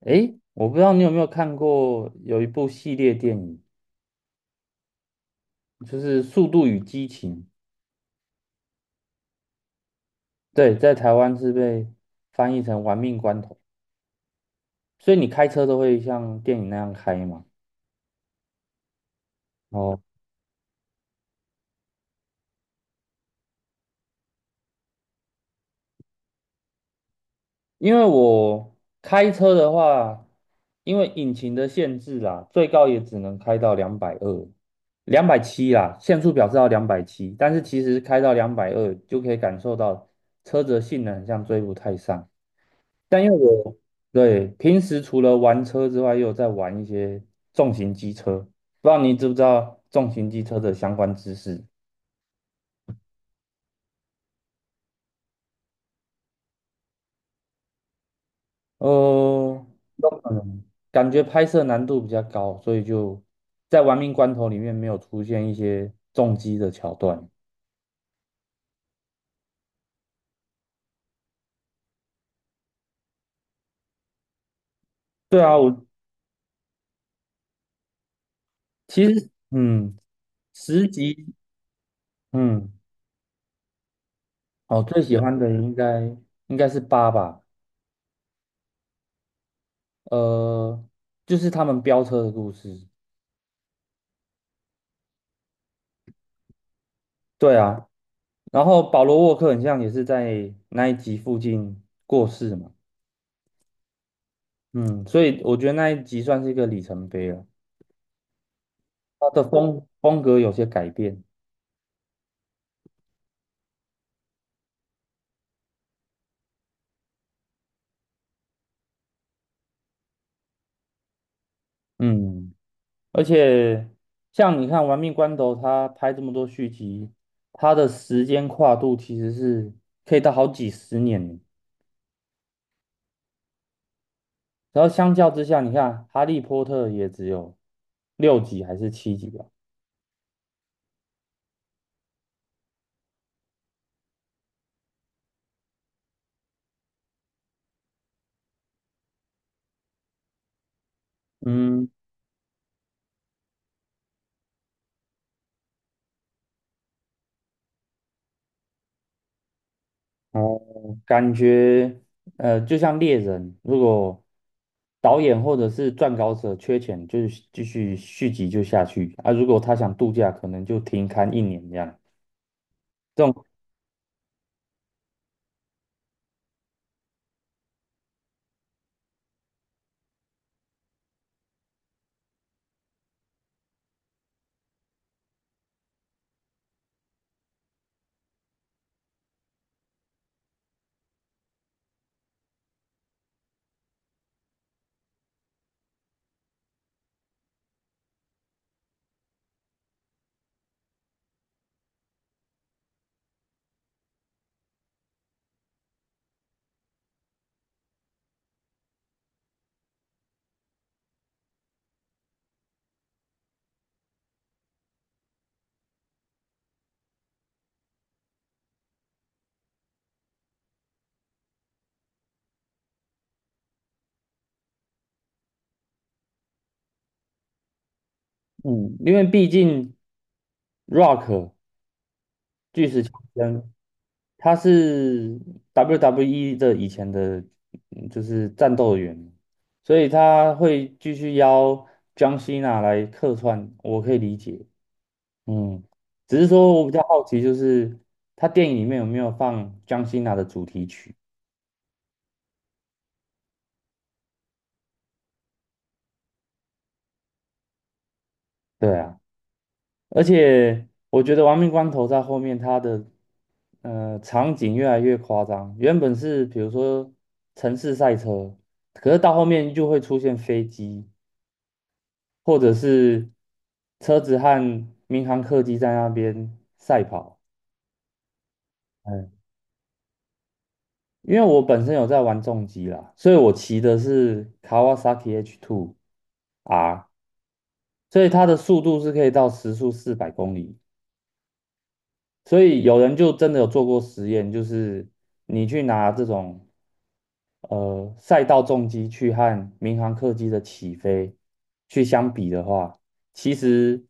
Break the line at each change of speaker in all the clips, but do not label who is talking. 诶，我不知道你有没有看过有一部系列电影，就是《速度与激情》，对，在台湾是被翻译成《玩命关头》，所以你开车都会像电影那样开吗？哦，因为我开车的话，因为引擎的限制啦，最高也只能开到两百二、两百七啦，限速表示到两百七，但是其实开到两百二就可以感受到车子的性能很像追不太上。但因为我对平时除了玩车之外，又有在玩一些重型机车，不知道你知不知道重型机车的相关知识？呃，嗯，感觉拍摄难度比较高，所以就在玩命关头里面没有出现一些重机的桥段。对啊，我其实10级嗯，哦，最喜欢的应该是八吧，呃，就是他们飙车的故事。对啊，然后保罗沃克很像也是在那一集附近过世嘛，嗯，所以我觉得那一集算是一个里程碑了，他的风格有些改变，嗯，而且像你看《玩命关头》，他拍这么多续集，他的时间跨度其实是可以到好几十年，然后相较之下，你看《哈利波特》也只有六集还是七集吧，嗯，哦。感觉就像猎人，如果导演或者是撰稿者缺钱，就是继续续集就下去啊。如果他想度假，可能就停刊一年这样。这种嗯，因为毕竟 Rock 巨石强森他是 WWE 的以前的，就是战斗员，所以他会继续邀 John n a 来客串，我可以理解。嗯，只是说我比较好奇，就是他电影里面有没有放江心娜的主题曲？对啊，而且我觉得《亡命关头》在后面它的场景越来越夸张，原本是比如说城市赛车，可是到后面就会出现飞机或者是车子和民航客机在那边赛跑。嗯，因为我本身有在玩重机啦，所以我骑的是卡 a 萨 a H Two r 所以它的速度是可以到时速400公里。所以有人就真的有做过实验，就是你去拿这种赛道重机去和民航客机的起飞去相比的话，其实、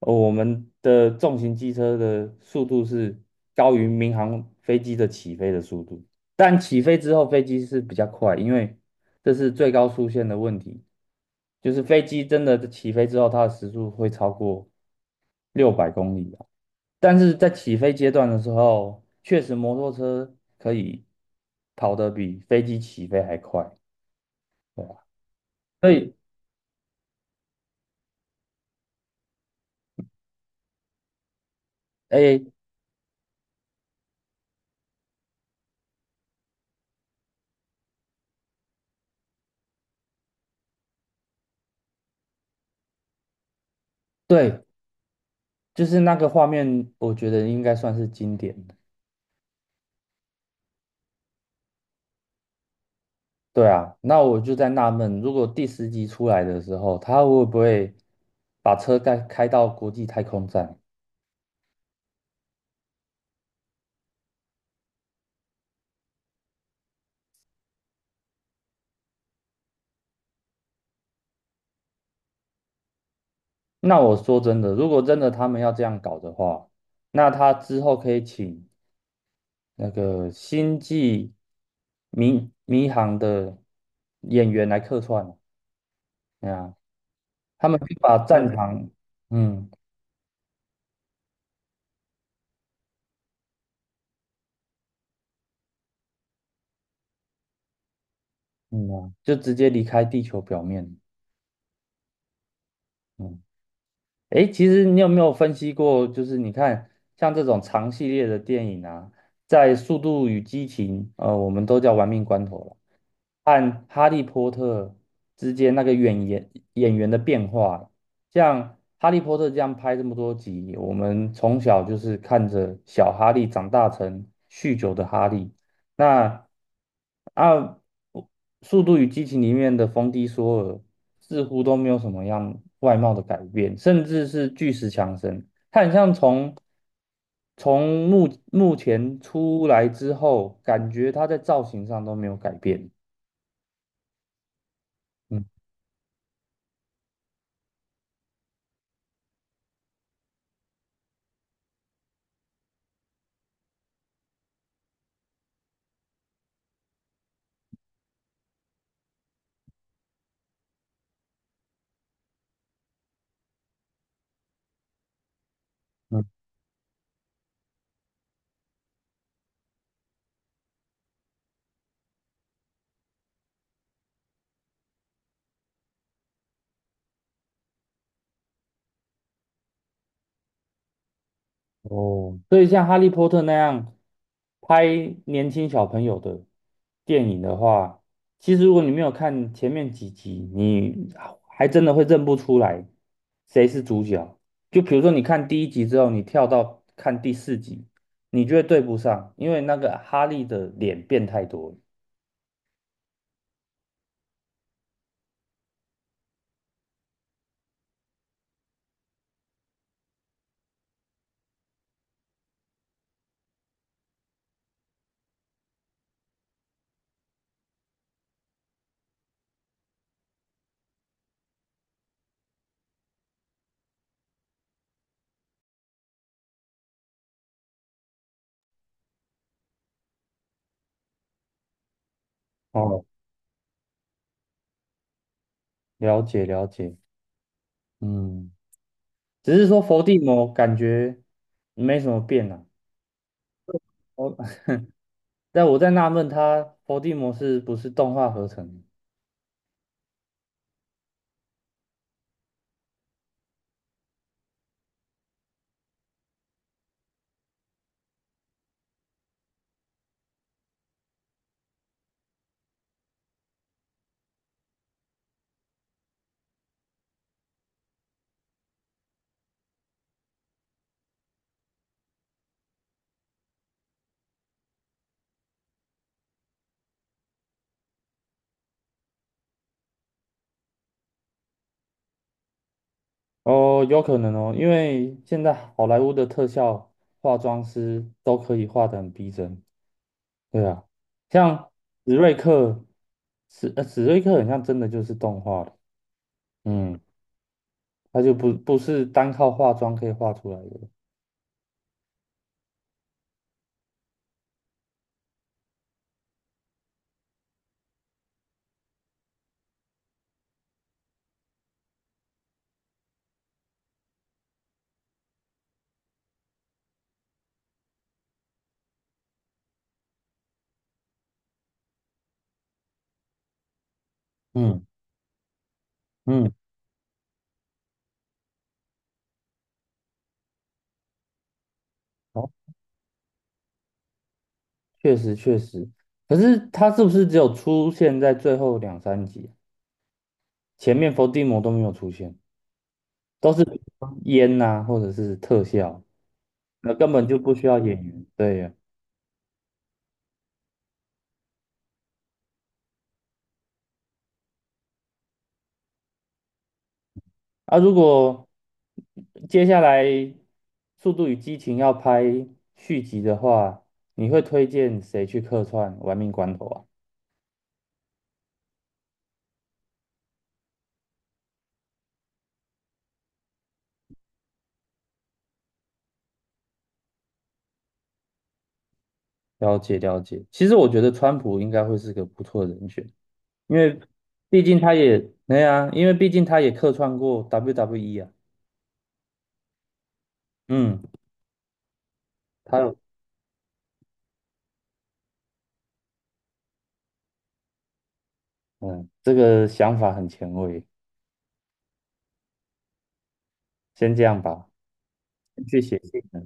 我们的重型机车的速度是高于民航飞机的起飞的速度，但起飞之后飞机是比较快，因为这是最高速限的问题。就是飞机真的起飞之后，它的时速会超过600公里啊。但是在起飞阶段的时候，确实摩托车可以跑得比飞机起飞还快，对啊。所以，哎，对，就是那个画面，我觉得应该算是经典的。对啊，那我就在纳闷，如果第10集出来的时候，他会不会把车开到国际太空站？那我说真的，如果真的他们要这样搞的话，那他之后可以请那个星际迷航的演员来客串，哎呀他们会把战场，嗯就直接离开地球表面，嗯。诶，其实你有没有分析过，就是你看像这种长系列的电影啊，在《速度与激情》我们都叫玩命关头了，和《哈利波特》之间那个演员的变化，像《哈利波特》这样拍这么多集，我们从小就是看着小哈利长大成酗酒的哈利，那啊，《速度与激情》里面的冯迪索尔似乎都没有什么样外貌的改变，甚至是巨石强森，他很像从目前出来之后，感觉他在造型上都没有改变。嗯嗯。哦，所以像《哈利波特》那样拍年轻小朋友的电影的话，其实如果你没有看前面几集，你还真的会认不出来谁是主角。就比如说，你看第一集之后，你跳到看第四集，你就会对不上，因为那个哈利的脸变太多了。哦，了解了解，嗯，只是说伏地魔感觉没什么变啊。但我在纳闷，他伏地魔是不是动画合成的？哦，有可能哦，因为现在好莱坞的特效化妆师都可以画得很逼真。对啊，像史瑞克，史瑞克很像真的就是动画的，嗯，他就不是单靠化妆可以画出来的。嗯嗯，哦，确实确实。可是他是不是只有出现在最后两三集啊前面伏地魔都没有出现，都是烟呐、或者是特效。那根本就不需要演员。对呀，啊，如果接下来《速度与激情》要拍续集的话，你会推荐谁去客串玩命关头啊？了解了解，其实我觉得川普应该会是个不错的人选，因为毕竟他也，对呀，因为毕竟他也客串过 WWE 啊。嗯，他有，嗯，这个想法很前卫，先这样吧，先去写信了。